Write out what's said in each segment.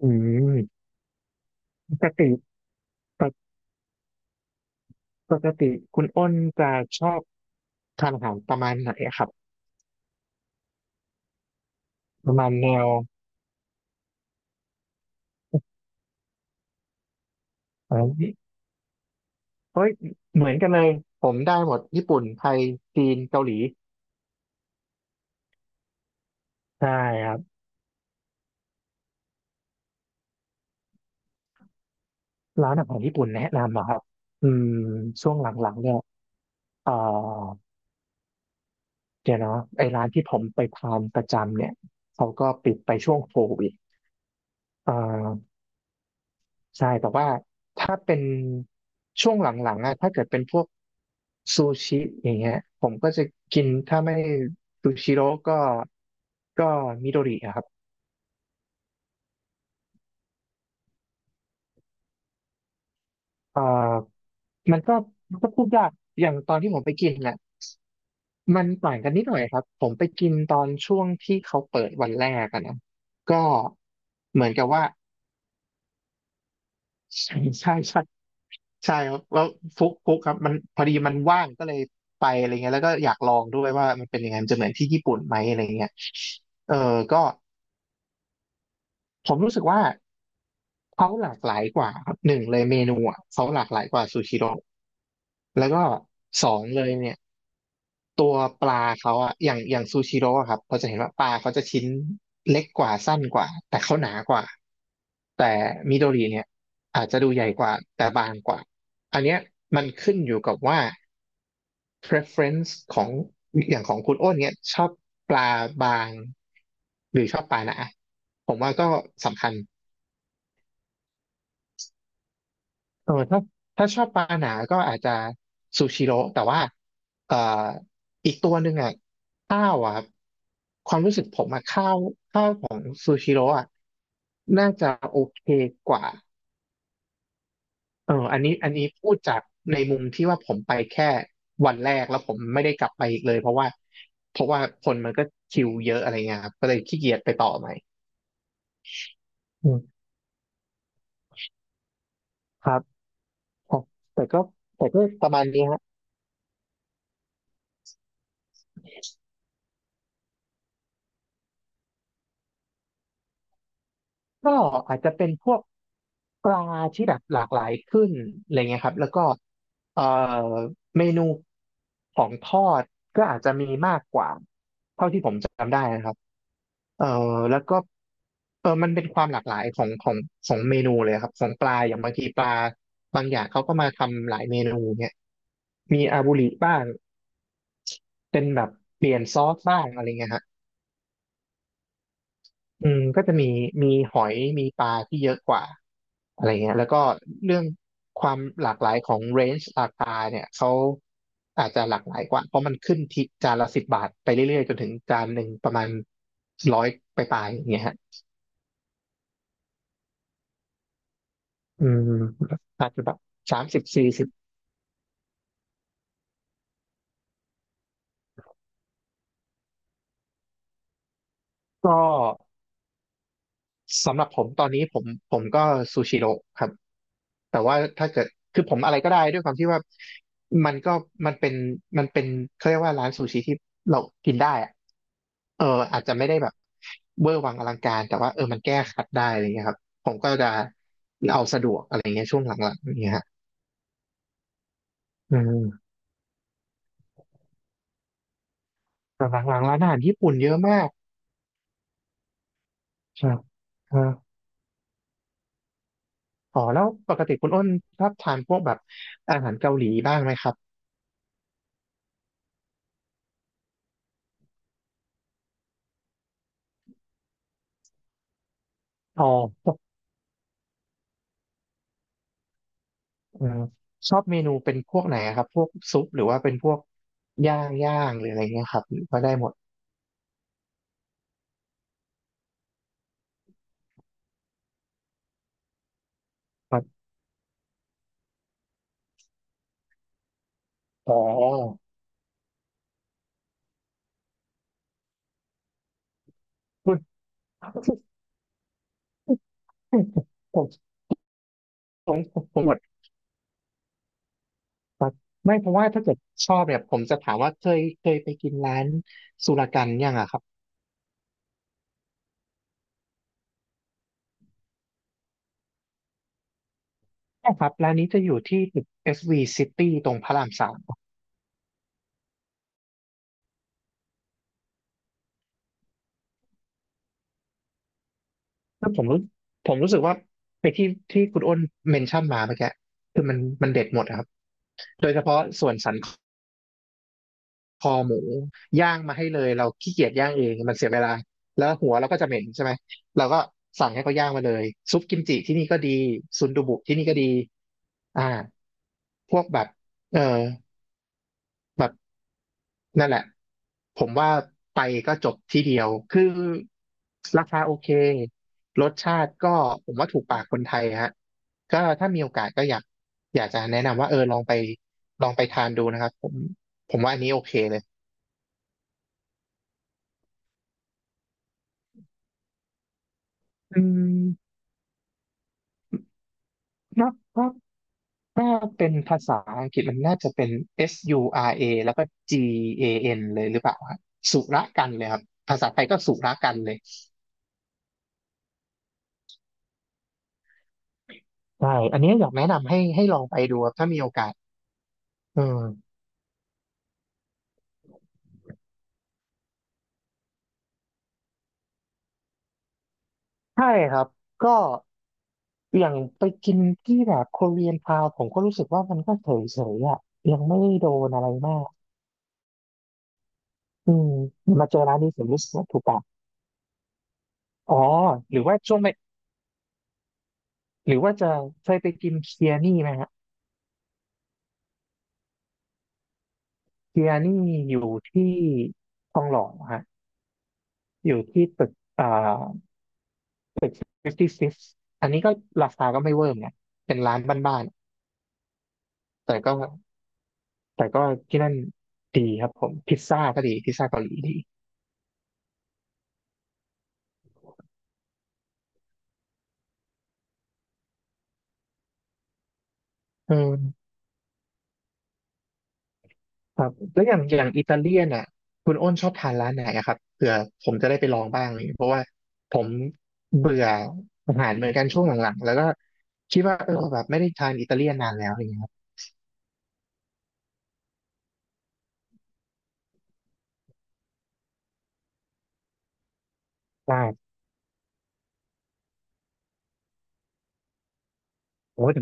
อืมปกติปกปกติคุณอ้นจะชอบทานอาหารประมาณไหนอะครับประมาณแนวเอ้ยเอ้ยเหมือนกันเลยผมได้หมดญี่ปุ่นไทยจีนเกาหลีใช่ครับร้านอาหารญี่ปุ่นแนะนำเหรอครับอืมช่วงหลังๆเนี่ยเอ่อเดี๋ยวนะไอ้ร้านที่ผมไปทานประจำเนี่ยเขาก็ปิดไปช่วงโควิดเอ่อ ใช่แต่ว่าถ้าเป็นช่วงหลังๆอะถ้าเกิดเป็นพวกซูชิอย่างเงี้ยผมก็จะกินถ้าไม่ซูชิโร่ก็มิโดริอะครับอ่มันก็มันก็พูดยากอย่างตอนที่ผมไปกินน่ะมันต่างกันนิดหน่อยครับ ผมไปกินตอนช่วงที่เขาเปิดวันแรกอะนะก็เหมือนกับว่า ใช่ใช่ใช่ ใช่ครับแล้วฟุกฟุกครับมันพอดีมันว่างก็เลยไปอะไรเงี้ยแล้วก็อยากลองด้วยว่ามันเป็นยังไงมันจะเหมือนที่ญี่ปุ่นไหมอะไรเงี้ยเออก็ผมรู้สึกว่าเขาหลากหลายกว่าครับหนึ่งเลยเมนูอ่ะเขาหลากหลายกว่าซูชิโร่แล้วก็สองเลยเนี่ยตัวปลาเขาอ่ะอย่างซูชิโร่อะครับเราจะเห็นว่าปลาเขาจะชิ้นเล็กกว่าสั้นกว่าแต่เขาหนากว่าแต่มิโดริเนี่ยอาจจะดูใหญ่กว่าแต่บางกว่าอันเนี้ยมันขึ้นอยู่กับว่า preference ของอย่างของคุณอ้นเนี้ยชอบปลาบางหรือชอบปลาหนาผมว่าก็สำคัญเออถ้าถ้าชอบปลาหนาก็อาจจะซูชิโร่แต่ว่าเอ่ออีกตัวหนึ่งอ่ะข้าวอ่ะครับความรู้สึกผมอ่ะข้าวซูชิโร่อ่ะน่าจะโอเคกว่า อันนี้พูดจากในมุมที่ว่าผมไปแค่วันแรกแล้วผมไม่ได้กลับไปอีกเลยเพราะว่าคนมันก็คิวเยอะอะไรเงี้ยครับก็เลยขี้เกียจไปต่อใหม่อืมครับครับแต่ก็แต่ก็ประมาณนี้ฮะก็อาจจะเป็นพวกปลาที่แบบหลากหลายขึ้นอะไรเงี้ยครับแล้วก็เอ่อเมนูของทอดก็อาจจะมีมากกว่าเท่าที่ผมจำได้นะครับ เออแล้วก็มันเป็นความหลากหลายของเมนูเลยครับของปลาอย่างบางทีปลาบางอย่างเขาก็มาทำหลายเมนูเนี่ยมีอาบุริบ้างเป็นแบบเปลี่ยนซอสบ้างอะไรเงี้ยฮะก็จะมีหอยมีปลาที่เยอะกว่าอะไรเงี้ยแล้วก็เรื่องความหลากหลายของเรนจ์ราคาเนี่ยเขาอาจจะหลากหลายกว่าเพราะมันขึ้นที่จานละ10 บาทไปเรื่อยๆจนถึงจานหนึ่งประมาณ100ไปลายๆอย่างเงี้ยฮะ อืมอาจจะแบบ3040ก็สำหรับผมตอนนี้ผมก็ซูชิโร่ครับแต่ว่าถ้าเกิดคือผมอะไรก็ได้ด้วยความที่ว่ามันก็มันเป็นมันเป็นเขาเรียกว่าร้านซูชิที่เรากินได้อะเอออาจจะไม่ได้แบบเวอร์วังอลังการแต่ว่ามันแก้ขัดได้อะไรเงี้ยครับผมก็จะเอาสะดวกอะไรเงี้ยช่วงหลังๆอย่างเงี้ยฮะอืมแต่หลังๆร้านอาหารญี่ปุ่นเยอะมากครับครับ อ๋อแล้วปกติคุณอ้นชอบทานพวกแบบอาหารเกาหลีบ้างไหมครับอ๋อพวกเอ่อชอบเมนูเป็นพวกไหนอะครับพวกซุปหรือว่าเป็นพวกย่างย่างหรืออะไรเงี้ยครับก็ได้หมดครับอ๋อคุณผมผมผมหมดไม่เพราะว่าถ้าเกิดชอบเนี่ยผมจะถามว่าเคยไปกินร้านสุรกันยังอะครับใช่ครับร้านนี้จะอยู่ที่ตึก SV City ตรงพระราม 3 แล้วผมรู้สึกว่าไอ้ที่ที่คุณอ้นเมนชั่นมาเมื่อกี้คือมันเด็ดหมดอะครับ โดยเฉพาะส่วนสันคอหมูย่างมาให้เลยเราขี้เกียจย่างเองมันเสียเวลา แล้วหัวเราก็จะเหม็นใช่ไหม เราก็สั่งให้เขาย่างมาเลยซุปกิมจิที่นี่ก็ดีซุนดูบุที่นี่ก็ดีอ่าพวกแบบเออแบบ นั่นแหละผมว่าไปก็จบที่เดียวคือราคาโอเครสชาติก็ผมว่าถูกปากคนไทยฮะก็ถ้ามีโอกาสก็อยากจะแนะนำว่าลองไปทานดูนะครับผมว่าอันนี้โอเคเลยอืมนับ่าถ้าเป็นภาษาอังกฤษมันน่าจะเป็น SURA แล้วก็ GAN เลยหรือเปล่าฮะสุรกันเลยครับภาษาไทยก็สุรกันเลยใช่อันนี้อยากแนะนำให้ลองไปดูครับถ้ามีโอกาสเออ ใช่ครับก็อย่างไปกินที่แบบโคเรียนทาวผมก็รู้สึกว่ามันก็เฉยๆอ่ะยังไม่ได้โดนอะไรมากอืมมาเจอร้านนี้ผมรู้สึกว่าถูกปากอ๋อหรือว่าช่วงไปหรือว่าจะเคยไปกินเคียนี่ไหมฮะเคียนี่อยู่ที่ทองหล่อฮะอยู่ที่ตึกอ่าตึก56อันนี้ก็ราคาก็ไม่เวอร์เนยเป็นร้านบ้านๆแต่ก็ที่นั่นดีครับผมพิซซ่าก็ดีพิซซ่าเกาหลีดีอืม ครับแล้วอย่างอิตาเลียนอ่ะคุณอ้นชอบทานร้านไหนอะครับเผื่อผมจะได้ไปลองบ้างเลยเพราะว่าผมเบื่ออาหารเหมือนกันช่วงหลังๆแล้วก็คิดว่าเออแบบไม่ได้ทานอิตาเลียนนานแล้วอย่างเงี้ยครับได้โอ้ย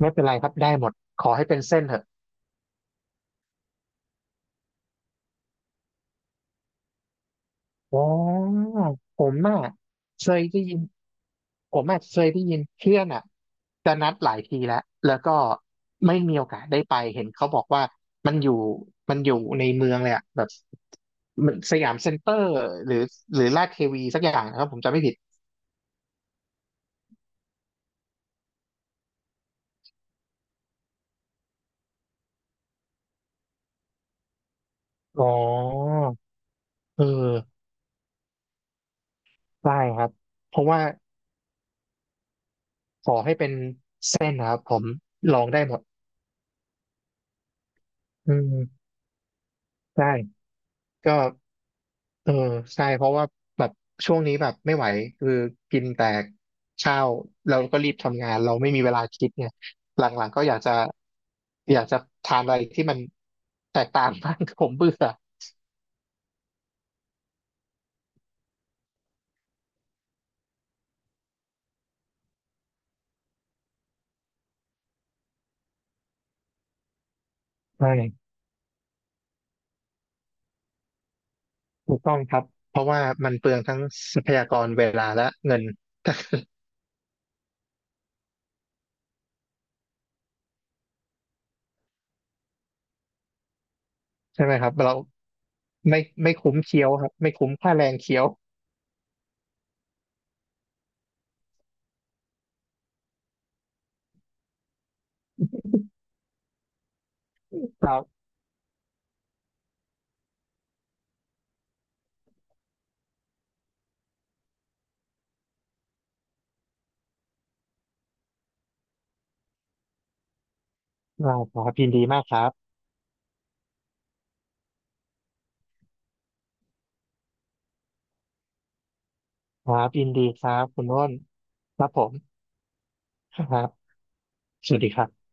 ไม่เป็นไรครับได้หมดขอให้เป็นเส้นเถอะอ๋อผมอ่ะเคยได้ยินผมอ่ะเคยได้ยินเพื่อนอ่ะจะนัดหลายทีแล้วแล้วก็ไม่มีโอกาสได้ไปเห็นเขาบอกว่ามันอยู่มันอยู่ในเมืองเลยอ่ะแบบ มันสยามเซ็นเตอร์หรือหรือลาดเทวีสักอย่างนะครับผมจำไม่ผิดอ๋อเออได้ครับเพราะว่าขอให้เป็นเส้นนะครับผมลองได้หมดอืมได้ก็เออใช่เพราะว่าแบบช่วงนี้แบบไม่ไหวคือกินแต่ข้าวเราก็รีบทำงานเราไม่มีเวลาคิดเนี่ยหลังๆก็อยากจะอยากจะทานอะไรที่มันแตกต่าง บ้างผมเบื่อใช่ ถูกต้องครับ เพราะว่ามันเปลืองทั้งทรัพยากรเวลาและเงินใช่ไหมครับเราไม่ไม่คุ้มเคี้ยวครับไม่คุ้มค่าแรงเคี้ยวครับเราครับยินดีมากครับครับยินดีครับคุณโน้นครับผมครับสวัสดีครับ